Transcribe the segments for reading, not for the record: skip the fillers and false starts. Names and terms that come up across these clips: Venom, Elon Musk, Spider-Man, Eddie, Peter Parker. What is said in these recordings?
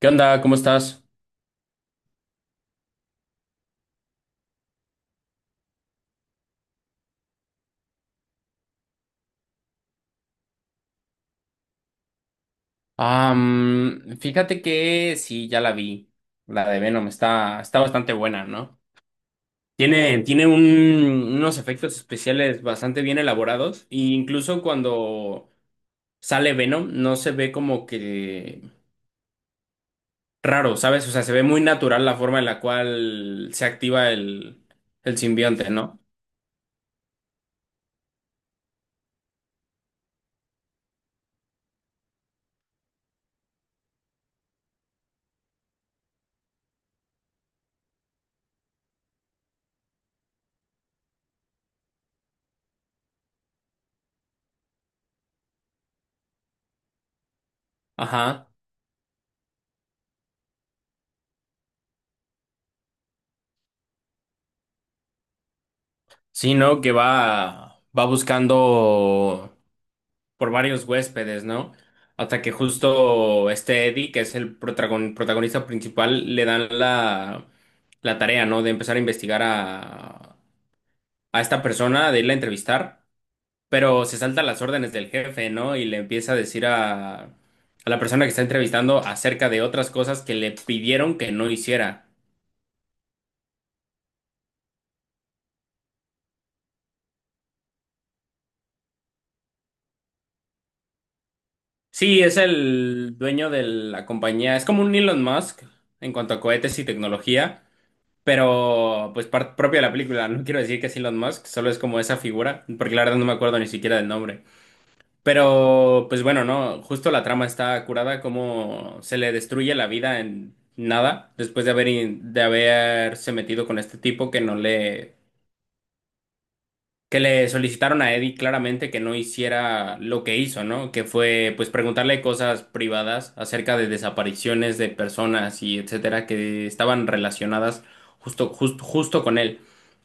¿Qué onda? ¿Cómo estás? Fíjate que sí, ya la vi. La de Venom está bastante buena, ¿no? Tiene, tiene un- Unos efectos especiales bastante bien elaborados. E incluso cuando sale Venom, no se ve como que raro, ¿sabes? O sea, se ve muy natural la forma en la cual se activa el simbionte, ¿no? Ajá. Sí, ¿no? Que va buscando por varios huéspedes, ¿no? Hasta que justo este Eddie, que es el protagonista principal, le dan la tarea, ¿no? De empezar a investigar a esta persona, de irla a entrevistar, pero se salta las órdenes del jefe, ¿no? Y le empieza a decir a la persona que está entrevistando acerca de otras cosas que le pidieron que no hiciera. Sí, es el dueño de la compañía, es como un Elon Musk en cuanto a cohetes y tecnología. Pero, pues, parte propia de la película. No quiero decir que es Elon Musk, solo es como esa figura, porque la verdad no me acuerdo ni siquiera del nombre. Pero, pues bueno, no, justo la trama está curada, como se le destruye la vida en nada, después de haber, de haberse metido con este tipo que no que le solicitaron a Eddie claramente que no hiciera lo que hizo, ¿no? Que fue pues preguntarle cosas privadas acerca de desapariciones de personas y etcétera que estaban relacionadas justo con él.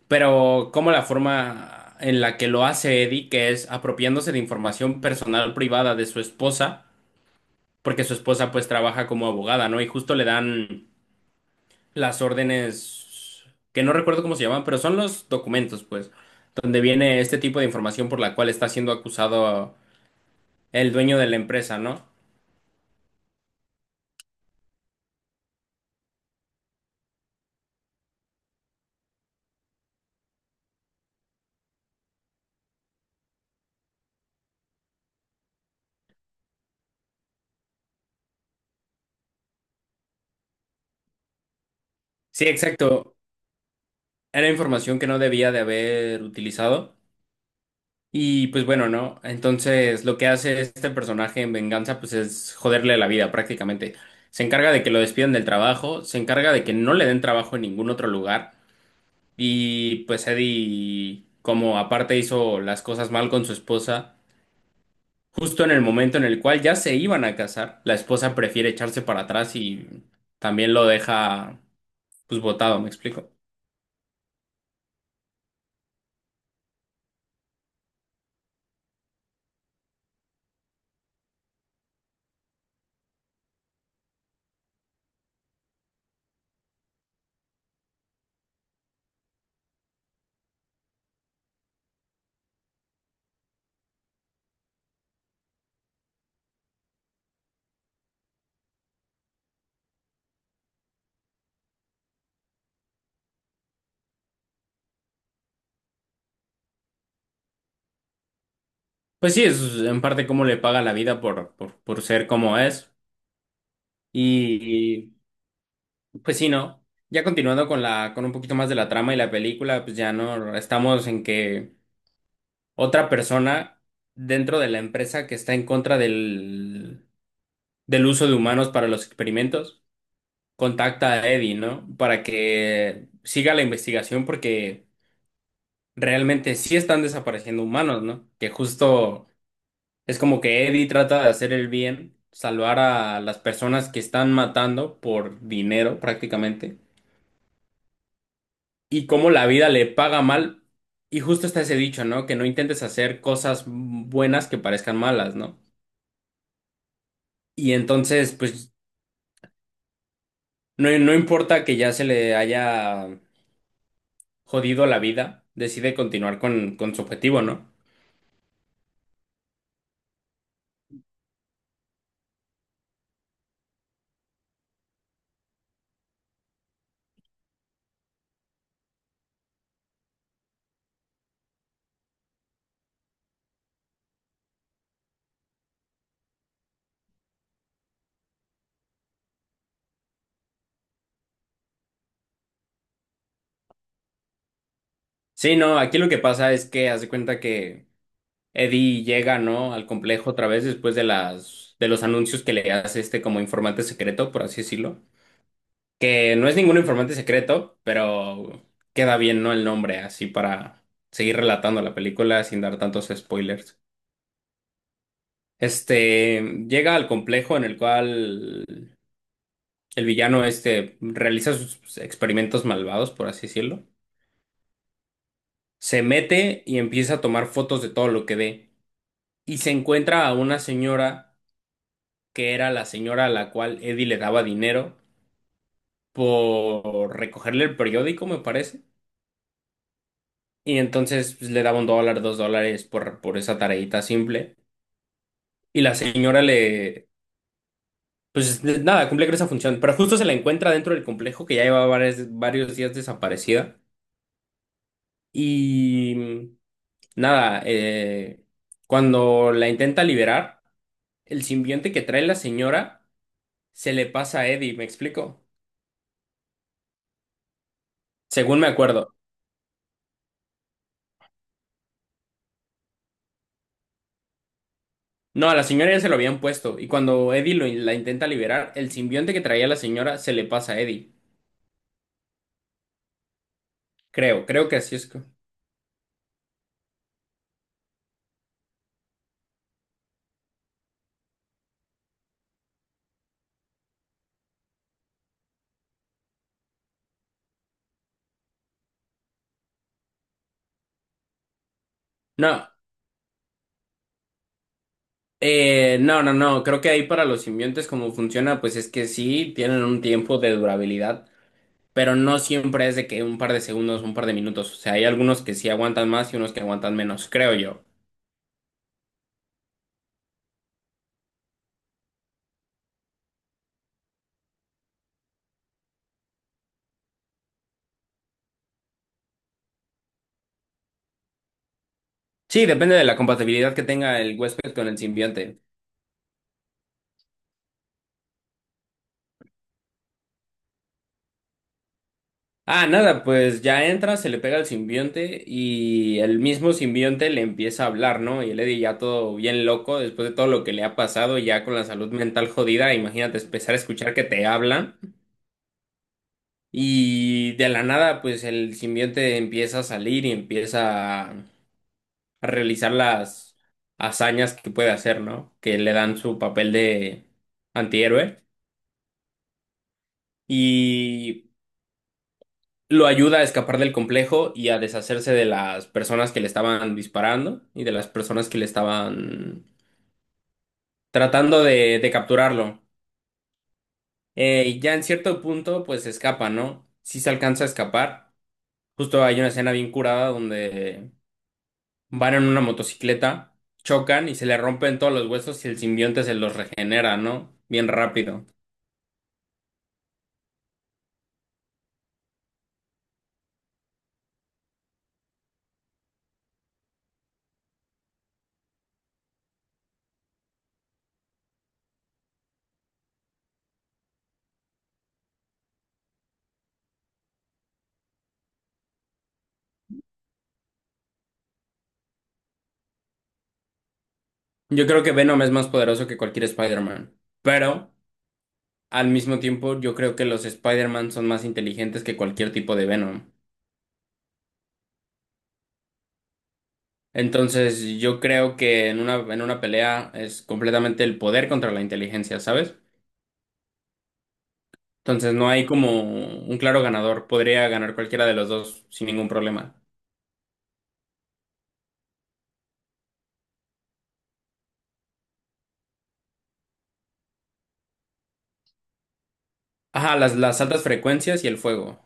Pero como la forma en la que lo hace Eddie, que es apropiándose de información personal privada de su esposa, porque su esposa pues trabaja como abogada, ¿no? Y justo le dan las órdenes, que no recuerdo cómo se llaman, pero son los documentos, pues, donde viene este tipo de información por la cual está siendo acusado el dueño de la empresa, ¿no? Sí, exacto. Era información que no debía de haber utilizado. Y pues bueno, ¿no? Entonces lo que hace este personaje en venganza, pues es joderle la vida prácticamente. Se encarga de que lo despidan del trabajo, se encarga de que no le den trabajo en ningún otro lugar. Y pues Eddie, como aparte hizo las cosas mal con su esposa, justo en el momento en el cual ya se iban a casar, la esposa prefiere echarse para atrás y también lo deja pues botado, ¿me explico? Pues sí, es en parte cómo le paga la vida por ser como es. Y pues sí, ¿no? Ya continuando con con un poquito más de la trama y la película, pues ya no estamos en que otra persona dentro de la empresa que está en contra del uso de humanos para los experimentos contacta a Eddie, ¿no? Para que siga la investigación porque realmente sí están desapareciendo humanos, ¿no? Que justo es como que Eddie trata de hacer el bien, salvar a las personas que están matando por dinero prácticamente y cómo la vida le paga mal. Y justo está ese dicho, ¿no? Que no intentes hacer cosas buenas que parezcan malas, ¿no? Y entonces, pues, no importa que ya se le haya jodido la vida, decide continuar con su objetivo, ¿no? Sí, no, aquí lo que pasa es que haz de cuenta que Eddie llega, ¿no? Al complejo otra vez después de de los anuncios que le hace este como informante secreto, por así decirlo. Que no es ningún informante secreto, pero queda bien, ¿no? El nombre, así para seguir relatando la película sin dar tantos spoilers. Este llega al complejo en el cual el villano este realiza sus experimentos malvados, por así decirlo. Se mete y empieza a tomar fotos de todo lo que ve. Y se encuentra a una señora que era la señora a la cual Eddie le daba dinero por recogerle el periódico, me parece. Y entonces pues, le daba un dólar, dos dólares por esa tareita simple. Y la señora le, pues nada, cumple con esa función. Pero justo se la encuentra dentro del complejo que ya lleva varios días desaparecida. Y mm, nada, cuando la intenta liberar, el simbionte que trae la señora se le pasa a Eddie, ¿me explico? Según me acuerdo. No, a la señora ya se lo habían puesto, y cuando Eddie la intenta liberar, el simbionte que traía la señora se le pasa a Eddie. Creo que así es. No, no, creo que ahí para los simbiontes como funciona, pues es que sí, tienen un tiempo de durabilidad, pero no siempre es de que un par de segundos, un par de minutos, o sea, hay algunos que sí aguantan más y unos que aguantan menos, creo yo. Sí, depende de la compatibilidad que tenga el huésped con el simbionte. Ah, nada, pues ya entra, se le pega al simbionte y el mismo simbionte le empieza a hablar, ¿no? Y el Eddie ya todo bien loco, después de todo lo que le ha pasado, ya con la salud mental jodida, imagínate empezar a escuchar que te habla y de la nada, pues el simbionte empieza a salir y empieza a realizar las hazañas que puede hacer, ¿no? Que le dan su papel de antihéroe. Y lo ayuda a escapar del complejo y a deshacerse de las personas que le estaban disparando y de las personas que le estaban tratando de capturarlo. Y ya en cierto punto, pues escapa, ¿no? Si se alcanza a escapar. Justo hay una escena bien curada donde van en una motocicleta, chocan y se le rompen todos los huesos y el simbionte se los regenera, ¿no? Bien rápido. Yo creo que Venom es más poderoso que cualquier Spider-Man. Pero al mismo tiempo, yo creo que los Spider-Man son más inteligentes que cualquier tipo de Venom. Entonces, yo creo que en en una pelea es completamente el poder contra la inteligencia, ¿sabes? Entonces, no hay como un claro ganador. Podría ganar cualquiera de los dos sin ningún problema. Ajá, las altas frecuencias y el fuego.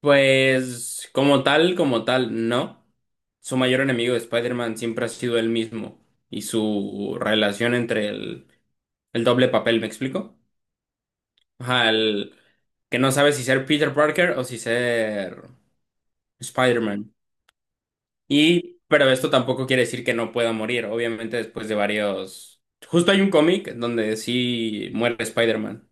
Pues, como tal, no. Su mayor enemigo de Spider-Man siempre ha sido él mismo y su relación entre el doble papel, ¿me explico? Ajá, el que no sabe si ser Peter Parker o si ser Spider-Man. Y, pero esto tampoco quiere decir que no pueda morir, obviamente después de varios... Justo hay un cómic donde sí muere Spider-Man.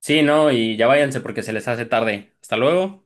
Sí, ¿no? Y ya váyanse porque se les hace tarde. Hasta luego.